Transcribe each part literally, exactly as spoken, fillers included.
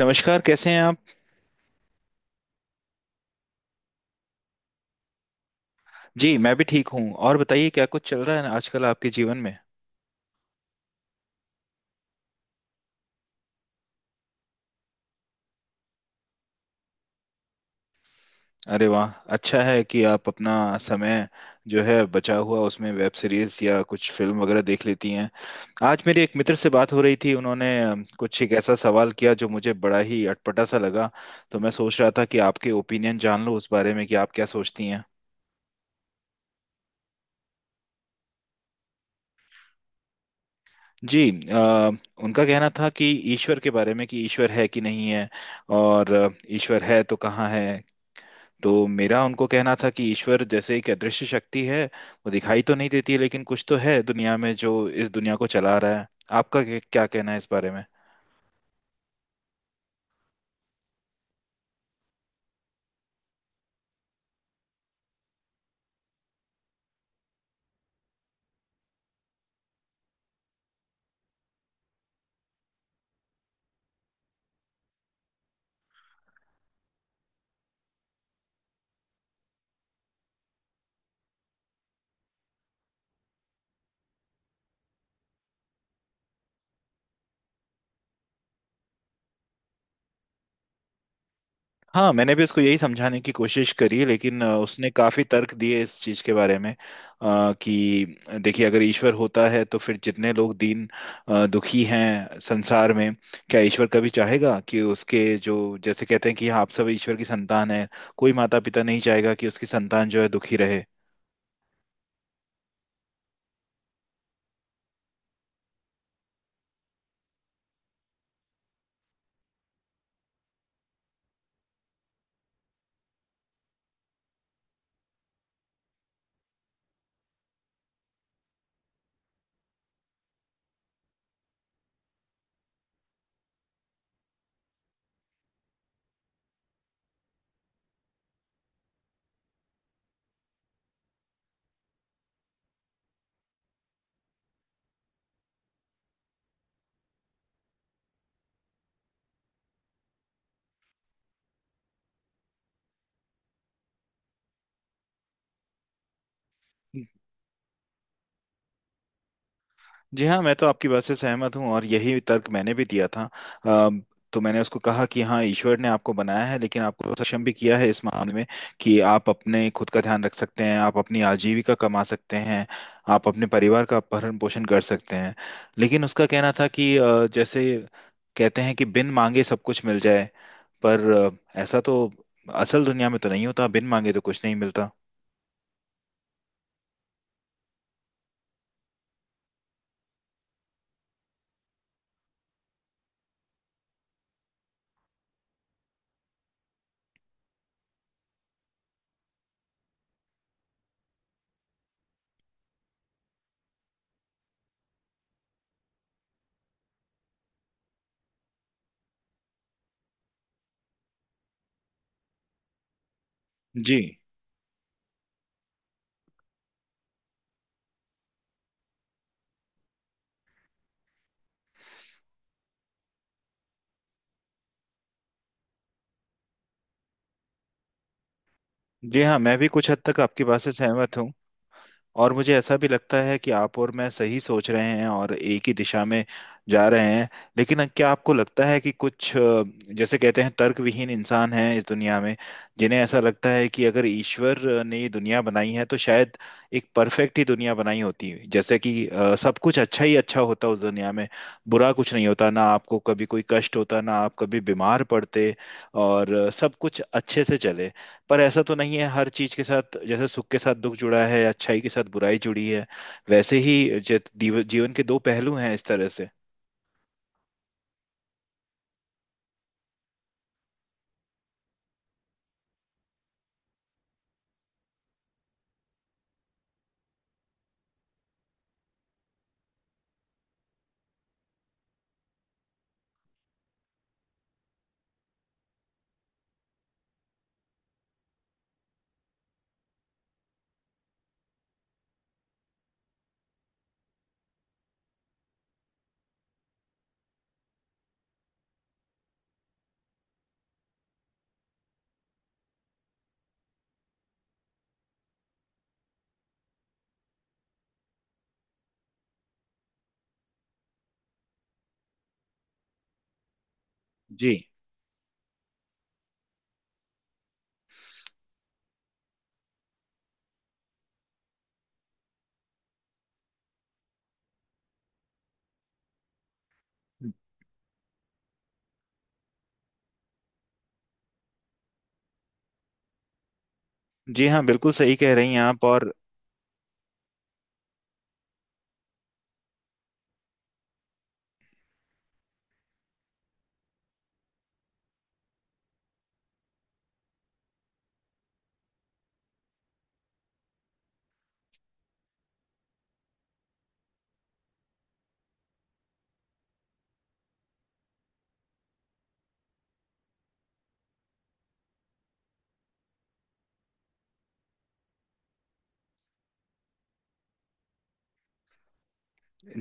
नमस्कार, कैसे हैं आप। जी मैं भी ठीक हूँ। और बताइए क्या कुछ चल रहा है आजकल आपके जीवन में। अरे वाह, अच्छा है कि आप अपना समय जो है बचा हुआ उसमें वेब सीरीज या कुछ फिल्म वगैरह देख लेती हैं। आज मेरे एक मित्र से बात हो रही थी, उन्होंने अम, कुछ एक ऐसा सवाल किया जो मुझे बड़ा ही अटपटा सा लगा। तो मैं सोच रहा था कि आपके ओपिनियन जान लूँ उस बारे में कि आप क्या सोचती हैं। जी। अ, उनका कहना था कि ईश्वर के बारे में, कि ईश्वर है कि नहीं है। और अ, ईश्वर है तो कहाँ है। तो मेरा उनको कहना था कि ईश्वर जैसे एक अदृश्य शक्ति है। वो दिखाई तो नहीं देती है, लेकिन कुछ तो है दुनिया में जो इस दुनिया को चला रहा है। आपका क्या क्या कहना है इस बारे में। हाँ, मैंने भी उसको यही समझाने की कोशिश करी, लेकिन अ, उसने काफी तर्क दिए इस चीज के बारे में। अ, कि देखिए, अगर ईश्वर होता है तो फिर जितने लोग दीन अ, दुखी हैं संसार में, क्या ईश्वर कभी चाहेगा कि उसके जो, जैसे कहते हैं कि हाँ, आप सब ईश्वर की संतान है। कोई माता पिता नहीं चाहेगा कि उसकी संतान जो है दुखी रहे। जी हाँ, मैं तो आपकी बात से सहमत हूँ और यही तर्क मैंने भी दिया था। अम, तो मैंने उसको कहा कि हाँ, ईश्वर ने आपको बनाया है, लेकिन आपको सक्षम भी किया है इस मामले में कि आप अपने खुद का ध्यान रख सकते हैं, आप अपनी आजीविका कमा सकते हैं, आप अपने परिवार का भरण पोषण कर सकते हैं। लेकिन उसका कहना था कि अ, जैसे कहते हैं कि बिन मांगे सब कुछ मिल जाए, पर अ, ऐसा तो असल दुनिया में तो नहीं होता, बिन मांगे तो कुछ नहीं मिलता। जी। जी हाँ, मैं भी कुछ हद तक आपकी बात से सहमत हूँ। और मुझे ऐसा भी लगता है कि आप और मैं सही सोच रहे हैं और एक ही दिशा में जा रहे हैं। लेकिन क्या आपको लगता है कि कुछ अ, जैसे कहते हैं तर्कविहीन इंसान हैं इस दुनिया में, जिन्हें ऐसा लगता है कि अगर ईश्वर ने ये दुनिया बनाई है तो शायद एक परफेक्ट ही दुनिया बनाई होती। जैसे कि अ, सब कुछ अच्छा ही अच्छा होता उस दुनिया में, बुरा कुछ नहीं होता, ना आपको कभी कोई कष्ट होता, ना आप कभी बीमार पड़ते, और अ, सब कुछ अच्छे से चले। पर ऐसा तो नहीं है, हर चीज के साथ जैसे सुख के साथ दुख जुड़ा है, अच्छाई के साथ बुराई जुड़ी है। वैसे ही जे- दीव- जीवन के दो पहलू हैं इस तरह से। जी। जी हाँ, बिल्कुल सही कह रही हैं आप। और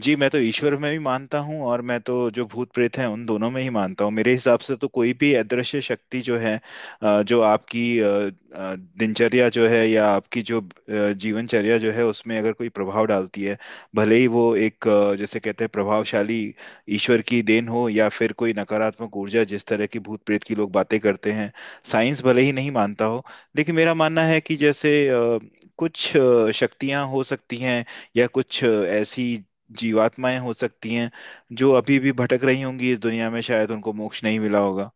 जी, मैं तो ईश्वर में भी मानता हूँ, और मैं तो जो भूत प्रेत हैं उन दोनों में ही मानता हूँ। मेरे हिसाब से तो कोई भी अदृश्य शक्ति जो है, अ, जो आपकी अ, अ, दिनचर्या जो है, या आपकी जो अ, जीवनचर्या जो है, उसमें अगर कोई प्रभाव डालती है, भले ही वो एक अ, जैसे कहते हैं प्रभावशाली ईश्वर की देन हो, या फिर कोई नकारात्मक ऊर्जा जिस तरह की भूत प्रेत की लोग बातें करते हैं। साइंस भले ही नहीं मानता हो, लेकिन मेरा मानना है कि जैसे अ, कुछ अ, शक्तियां हो सकती हैं, या कुछ अ, ऐसी जीवात्माएं हो सकती हैं जो अभी भी भटक रही होंगी इस दुनिया में, शायद उनको मोक्ष नहीं मिला होगा।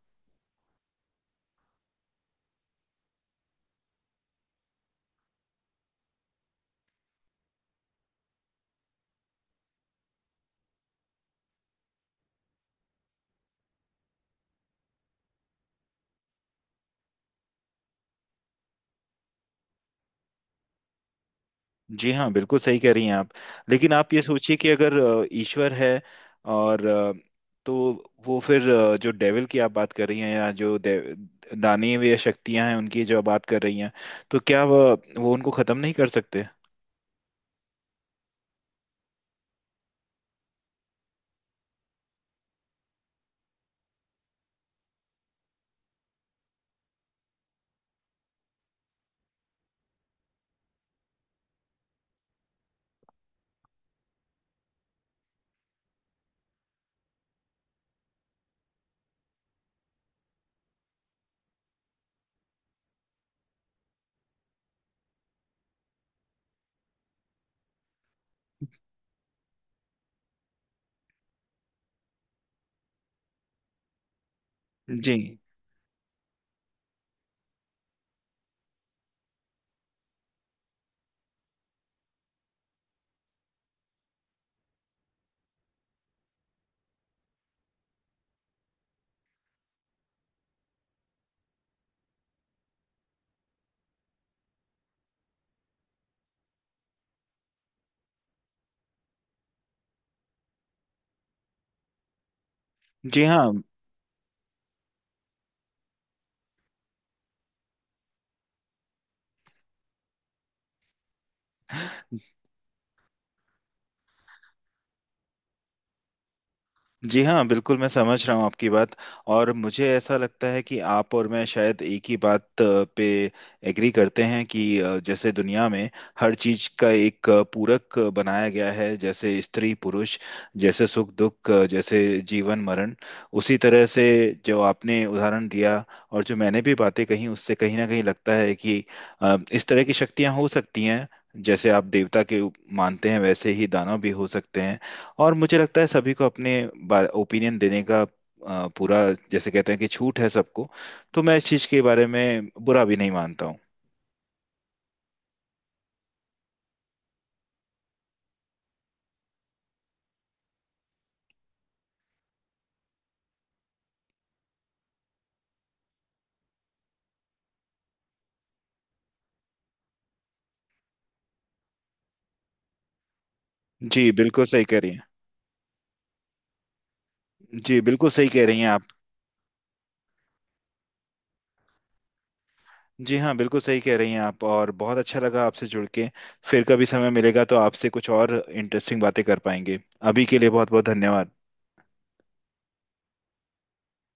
जी हाँ, बिल्कुल सही कह रही हैं आप। लेकिन आप ये सोचिए कि अगर अ, ईश्वर है, और अ, तो वो फिर अ, जो डेविल की आप बात कर रही हैं, या जो दे- दानवीय या शक्तियां हैं उनकी जो आप बात कर रही हैं, तो क्या वह वो उनको खत्म नहीं कर सकते। जी। जी हाँ। जी हाँ, बिल्कुल मैं समझ रहा हूँ आपकी बात। और मुझे ऐसा लगता है कि आप और मैं शायद एक ही बात अ, पे एग्री करते हैं कि अ, जैसे दुनिया में हर चीज का एक अ, पूरक अ, बनाया गया है। जैसे स्त्री पुरुष, जैसे सुख दुख, अ, जैसे जीवन मरण। उसी तरह से जो आपने उदाहरण दिया और जो मैंने भी बातें कही, उससे कहीं ना कहीं लगता है कि अ, इस तरह की शक्तियाँ हो सकती हैं। जैसे आप देवता के मानते हैं, वैसे ही दानव भी हो सकते हैं। और मुझे लगता है सभी को अपने ओपिनियन देने का अ, पूरा, जैसे कहते हैं कि छूट है सबको। तो मैं इस चीज़ के बारे में बुरा भी नहीं मानता हूँ। जी, बिल्कुल सही कह रही हैं। जी बिल्कुल सही कह रही हैं आप। जी हाँ, बिल्कुल सही कह रही हैं आप। और बहुत अच्छा लगा आपसे जुड़ के। फिर कभी समय मिलेगा तो आपसे कुछ और इंटरेस्टिंग बातें कर पाएंगे। अभी के लिए बहुत बहुत धन्यवाद।